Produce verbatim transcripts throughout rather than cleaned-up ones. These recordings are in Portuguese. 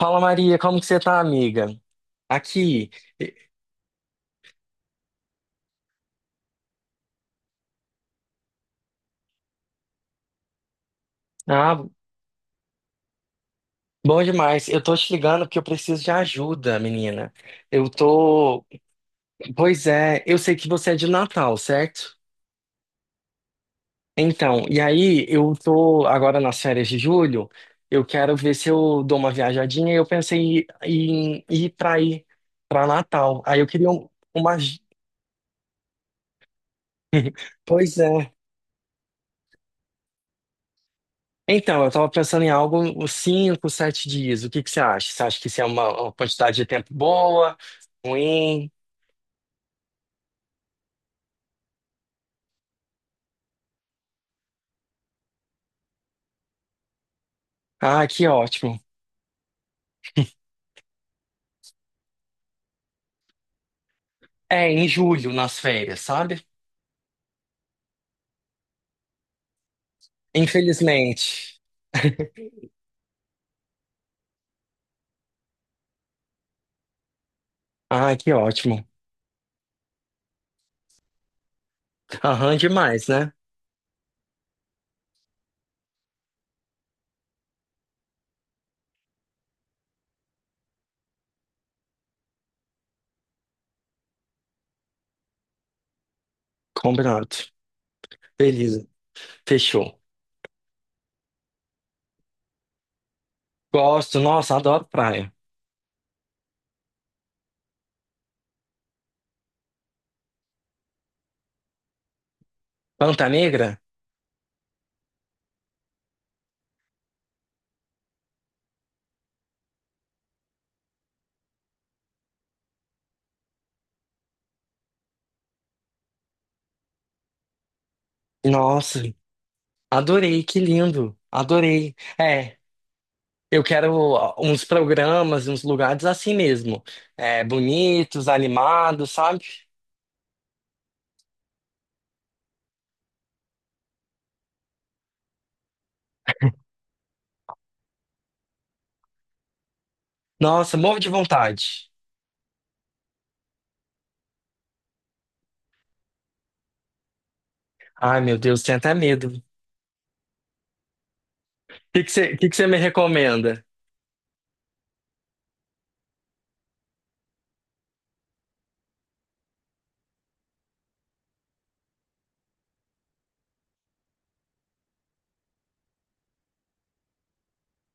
Fala Maria, como que você tá, amiga? Aqui. Ah, bom demais. Eu tô te ligando porque eu preciso de ajuda, menina. Eu tô. Pois é, eu sei que você é de Natal, certo? Então, e aí eu tô agora nas férias de julho. Eu quero ver se eu dou uma viajadinha. e Eu pensei em em ir pra ir pra Natal. Aí eu queria um- uma. Pois é. Então, eu estava pensando em algo uns cinco, sete dias. O que que você acha? Você acha que isso é uma, uma quantidade de tempo boa? Ruim? Ah, que ótimo. É, em julho, nas férias, sabe? Infelizmente. Ah, que ótimo. Aham, demais, né? Combinado. Beleza. Fechou. Gosto. Nossa, adoro praia. Panta Negra? Nossa, adorei. Que lindo. Adorei. É. Eu quero uns programas, uns lugares assim mesmo. É, bonitos, animados, sabe? Nossa, morro de vontade. Ai, meu Deus, tenho até medo. O que que você, que que você me recomenda?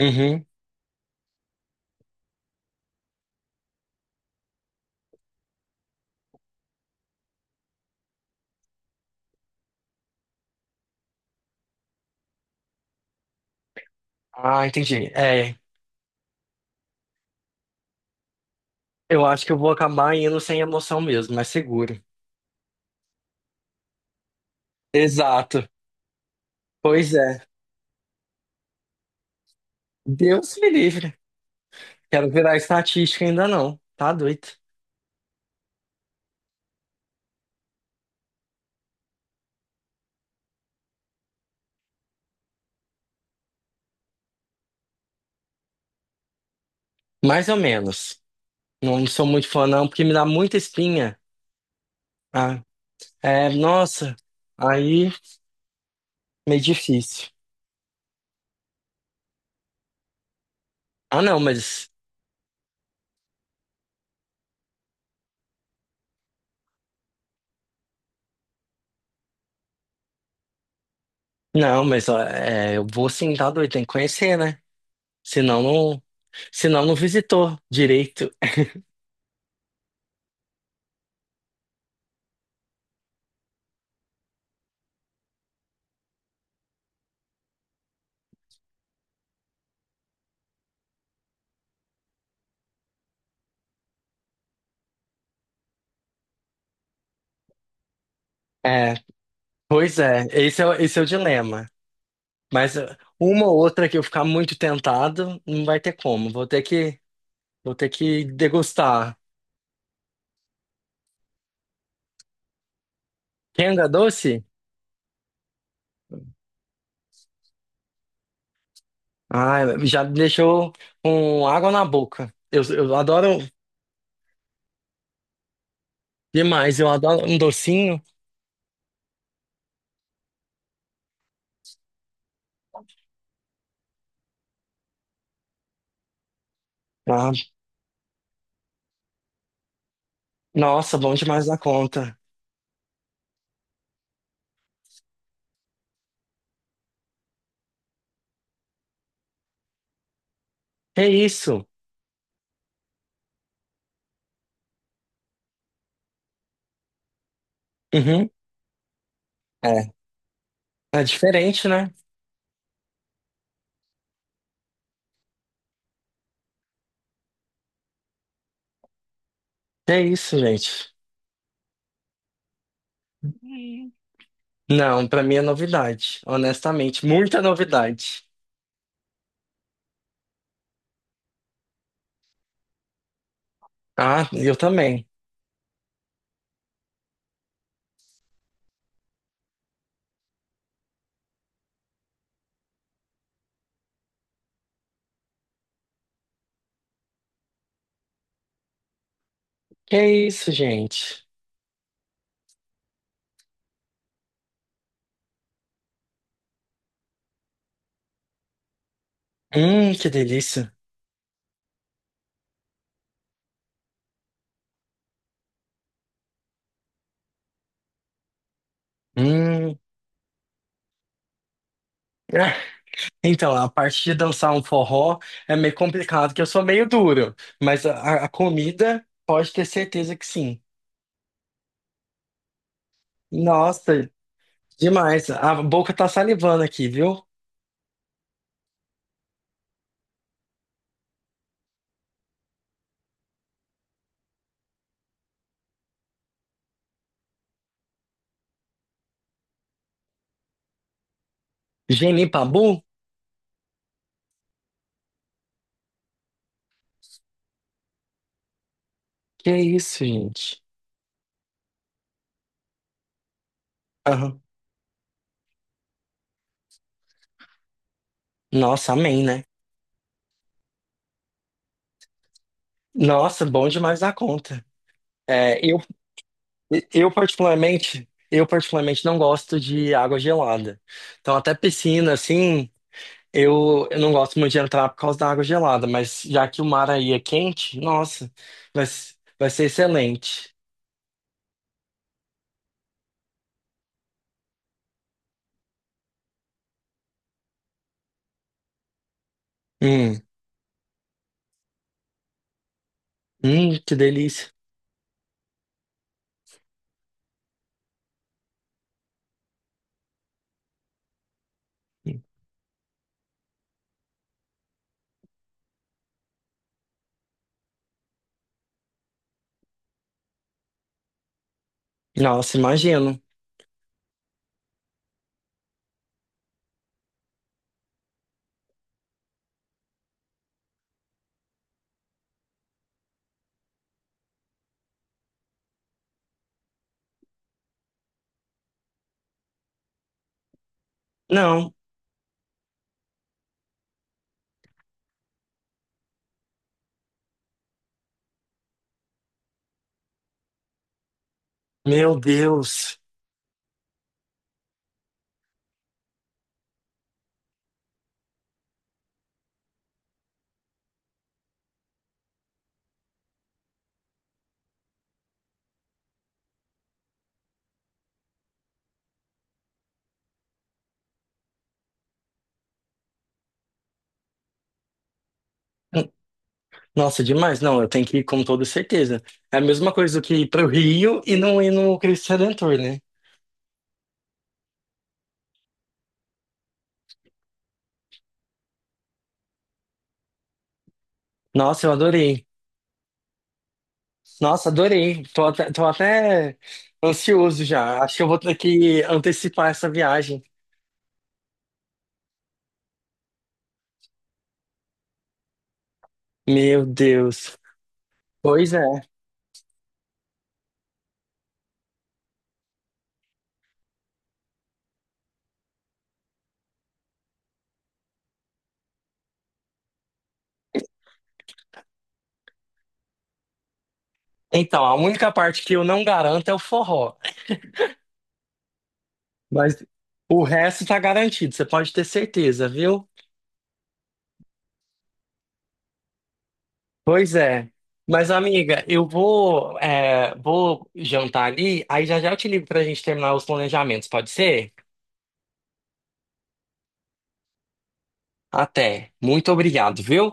Uhum. Ah, entendi. É, eu acho que eu vou acabar indo sem emoção mesmo, mais seguro. Exato. Pois é. Deus me livre. Quero virar estatística ainda não. Tá doido. Mais ou menos. Não sou muito fã não, porque me dá muita espinha. Ah, é, nossa. Aí. Meio difícil. Ah, não, mas. Não, mas ó, é, eu vou sentado tá. Tem que conhecer, né? Senão não. Senão não visitou direito. É, pois é, esse é, o- esse é o dilema. Mas ó, uma ou outra que eu ficar muito tentado, não vai ter como. Vou ter que, vou ter que degustar. Kenga doce? Ah, já me deixou com água na boca. Eu, eu adoro demais, eu adoro um docinho. Ah, nossa, bom demais na conta. É isso. Uhum. É. É diferente, né? É isso, gente. Hum. Não, pra mim é novidade, honestamente, muita novidade. Ah, eu também. Que isso, gente. Hum, que delícia. Hum. Ah, então, a parte de dançar um forró é meio complicado, que eu sou meio duro, mas a, a comida pode ter certeza que sim. Nossa, demais. A boca tá salivando aqui, viu? Genipabu? Que isso, gente. Aham. Nossa, amém, né? Nossa, bom demais da conta. É, eu, eu particularmente, eu particularmente não gosto de água gelada. Então até piscina, assim, eu, eu não gosto muito de entrar por causa da água gelada, mas já que o mar aí é quente, nossa, vai, s- vai ser excelente. Hum, hum, que delícia. Nossa, imagino. Não, meu Deus. Nossa, demais. Não, eu tenho que ir com toda certeza. É a mesma coisa do que ir para o Rio e não ir no Cristo Redentor, né? Nossa, eu adorei. Nossa, adorei. Tô até, tô até ansioso já. Acho que eu vou ter que antecipar essa viagem. Meu Deus. Pois é. Então, a única parte que eu não garanto é o forró. Mas o resto tá garantido, você pode ter certeza, viu? Pois é. Mas, amiga, eu vou, é, vou jantar ali, aí já já eu te ligo pra gente terminar os planejamentos, pode ser? Até. Muito obrigado, viu?